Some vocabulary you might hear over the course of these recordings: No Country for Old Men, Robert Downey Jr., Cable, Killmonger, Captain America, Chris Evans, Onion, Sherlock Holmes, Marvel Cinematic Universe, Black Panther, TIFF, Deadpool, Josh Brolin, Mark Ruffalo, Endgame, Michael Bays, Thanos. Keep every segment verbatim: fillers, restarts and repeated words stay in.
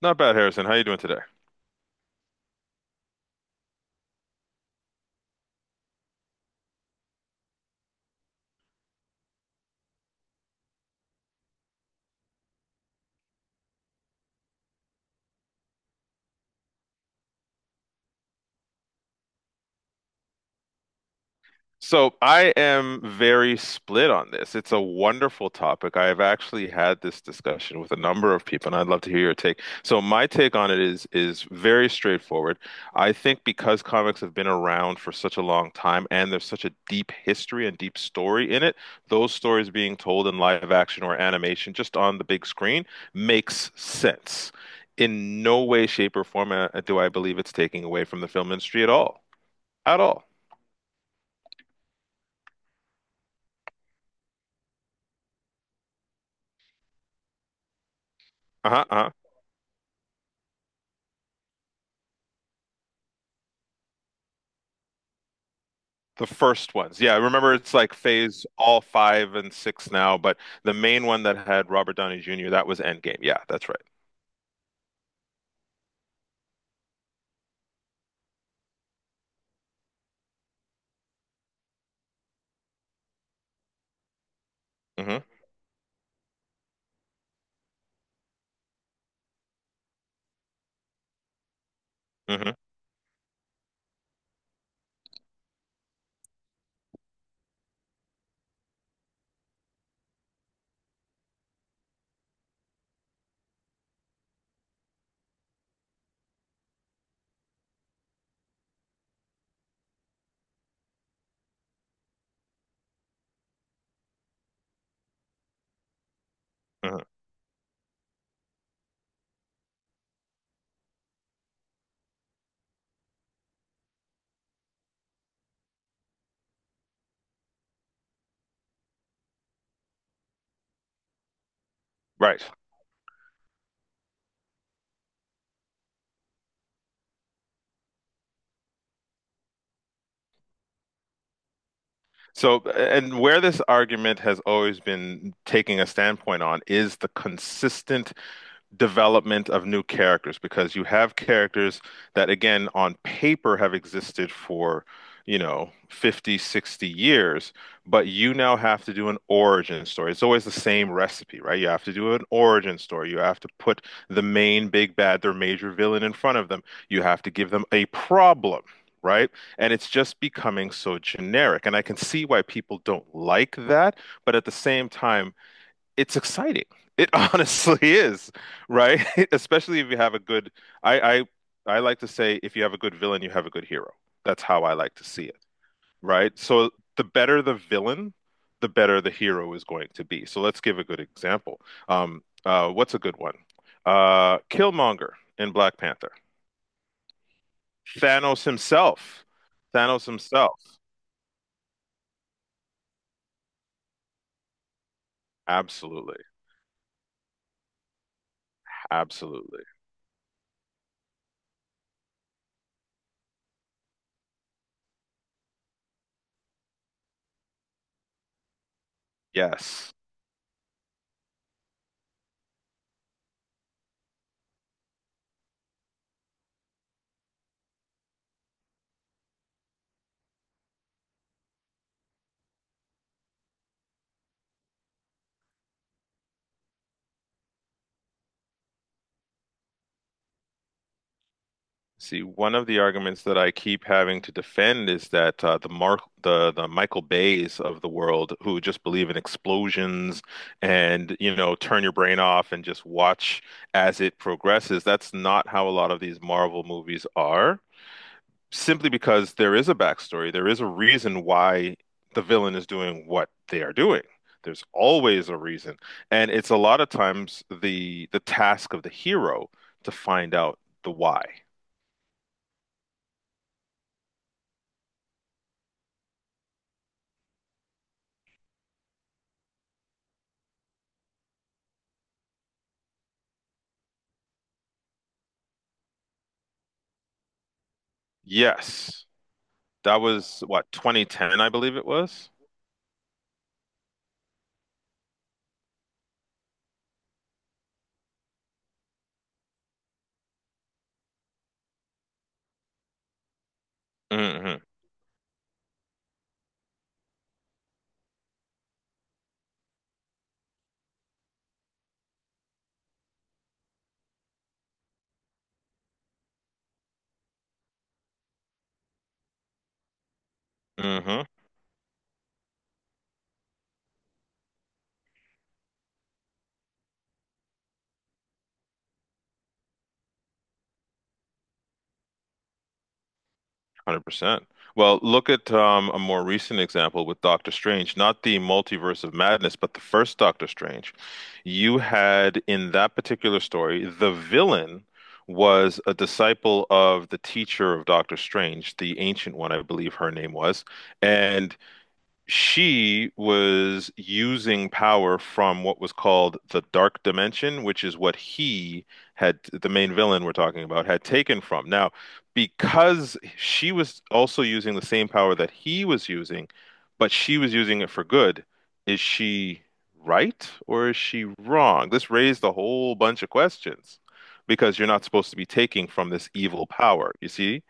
Not bad, Harrison. How you doing today? So I am very split on this. It's a wonderful topic. I have actually had this discussion with a number of people, and I'd love to hear your take. So my take on it is is very straightforward. I think because comics have been around for such a long time and there's such a deep history and deep story in it, those stories being told in live action or animation just on the big screen makes sense. In no way, shape, or form uh, do I believe it's taking away from the film industry at all. At all. Uh-huh, uh-huh. The first ones. Yeah, I remember it's like phase all five and six now, but the main one that had Robert Downey Junior, that was Endgame. Yeah, that's right. Mm-hmm, mm-hmm, mm-hmm. Right. So, and where this argument has always been taking a standpoint on is the consistent development of new characters because you have characters that, again, on paper have existed for, you know, fifty, sixty years, but you now have to do an origin story. It's always the same recipe, right? You have to do an origin story. You have to put the main big bad, their major villain in front of them. You have to give them a problem, right? And it's just becoming so generic. And I can see why people don't like that, but at the same time, it's exciting. It honestly is, right? Especially if you have a good, I, I, I like to say, if you have a good villain, you have a good hero. That's how I like to see it, right? So the better the villain, the better the hero is going to be. So let's give a good example. Um, uh, what's a good one? Uh, Killmonger in Black Panther. Thanos himself. Thanos himself. Absolutely. Absolutely. Yes. See, one of the arguments that I keep having to defend is that uh, the Mark, the the Michael Bays of the world, who just believe in explosions and you know turn your brain off and just watch as it progresses, that's not how a lot of these Marvel movies are. Simply because there is a backstory, there is a reason why the villain is doing what they are doing. There's always a reason, and it's a lot of times the the task of the hero to find out the why. Yes. That was what, twenty ten, I believe it was? Hmm, hmm. one hundred percent. Well, look at um, a more recent example with Doctor Strange, not the Multiverse of Madness, but the first Doctor Strange. You had in that particular story, the villain was a disciple of the teacher of Doctor Strange, the Ancient One, I believe her name was. And she was using power from what was called the Dark Dimension, which is what he had, the main villain we're talking about, had taken from. Now, because she was also using the same power that he was using, but she was using it for good, is she right or is she wrong? This raised a whole bunch of questions because you're not supposed to be taking from this evil power, you see?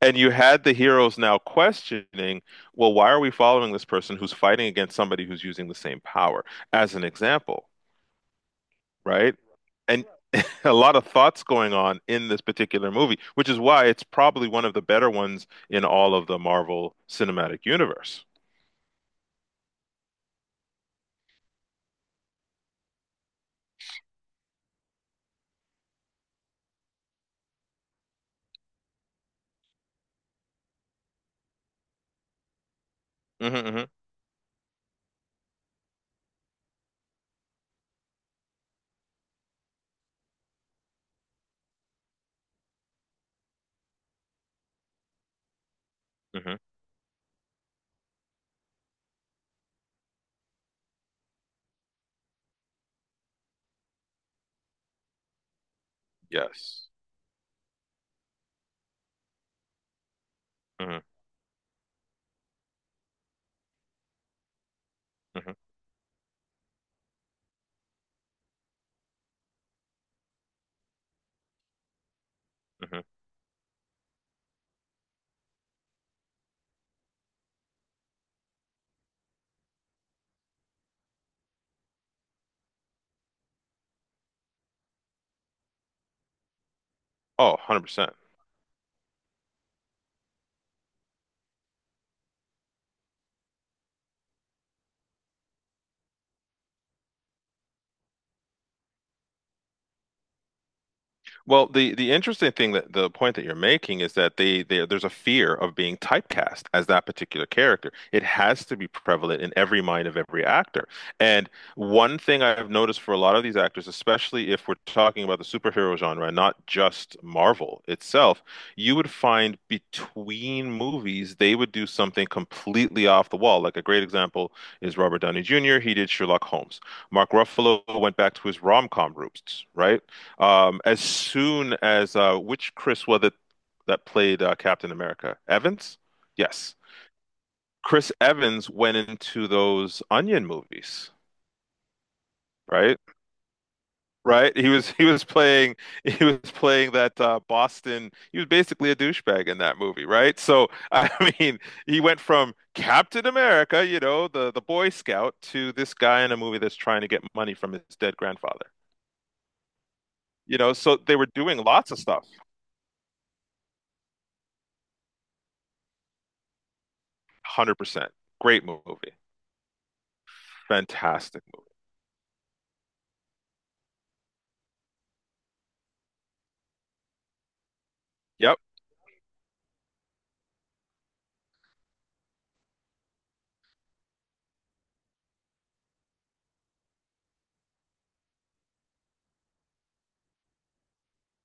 And you had the heroes now questioning, well, why are we following this person who's fighting against somebody who's using the same power, as an example, right? And a lot of thoughts going on in this particular movie, which is why it's probably one of the better ones in all of the Marvel Cinematic Universe. Hmm, hmm, hmm. Yes. Hmm, hmm, hmm. Oh, one hundred percent. Well, the the interesting thing that the point that you're making is that they, they there's a fear of being typecast as that particular character. It has to be prevalent in every mind of every actor. And one thing I've noticed for a lot of these actors, especially if we're talking about the superhero genre and not just Marvel itself, you would find between movies they would do something completely off the wall. Like a great example is Robert Downey Junior He did Sherlock Holmes. Mark Ruffalo went back to his rom-com roots, right? Um, as soon as uh, which Chris was it that played uh, Captain America? Evans? Yes. Chris Evans went into those Onion movies, right? Right? He was he was playing he was playing that uh, Boston. He was basically a douchebag in that movie, right? So I mean, he went from Captain America, you know, the the Boy Scout, to this guy in a movie that's trying to get money from his dead grandfather. You know, so they were doing lots of stuff. one hundred percent. Great movie. Fantastic movie. Yep.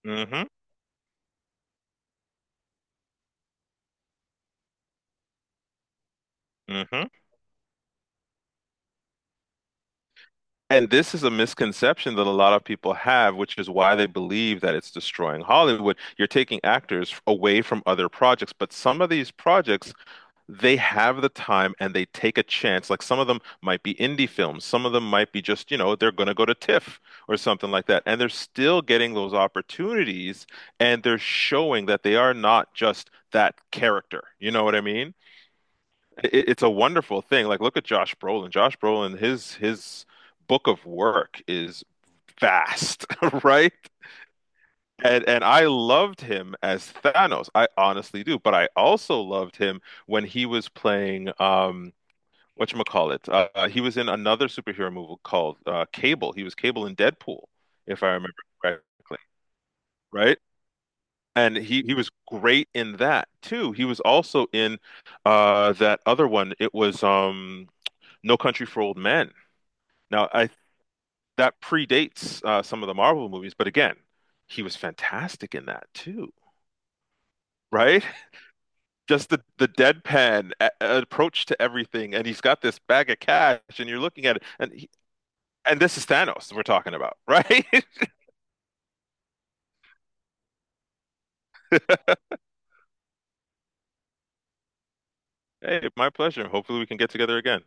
Mm-hmm. Mm-hmm. And this is a misconception that a lot of people have, which is why they believe that it's destroying Hollywood. You're taking actors away from other projects, but some of these projects, they have the time and they take a chance. Like some of them might be indie films, some of them might be just, you know, they're going to go to TIFF or something like that. And they're still getting those opportunities and they're showing that they are not just that character. You know what I mean? It, it's a wonderful thing. Like, look at Josh Brolin. Josh Brolin, his his book of work is vast, right? And and I loved him as Thanos. I honestly do. But I also loved him when he was playing um whatchamacallit. Uh, uh, he was in another superhero movie called uh, Cable. He was Cable in Deadpool, if I remember correctly, right? And he he was great in that too. He was also in uh that other one. It was um No Country for Old Men. Now, I that predates uh, some of the Marvel movies, but again, he was fantastic in that too, right? Just the the deadpan a approach to everything, and he's got this bag of cash, and you're looking at it, and he, and this is Thanos we're talking about, right? Hey, my pleasure. Hopefully, we can get together again.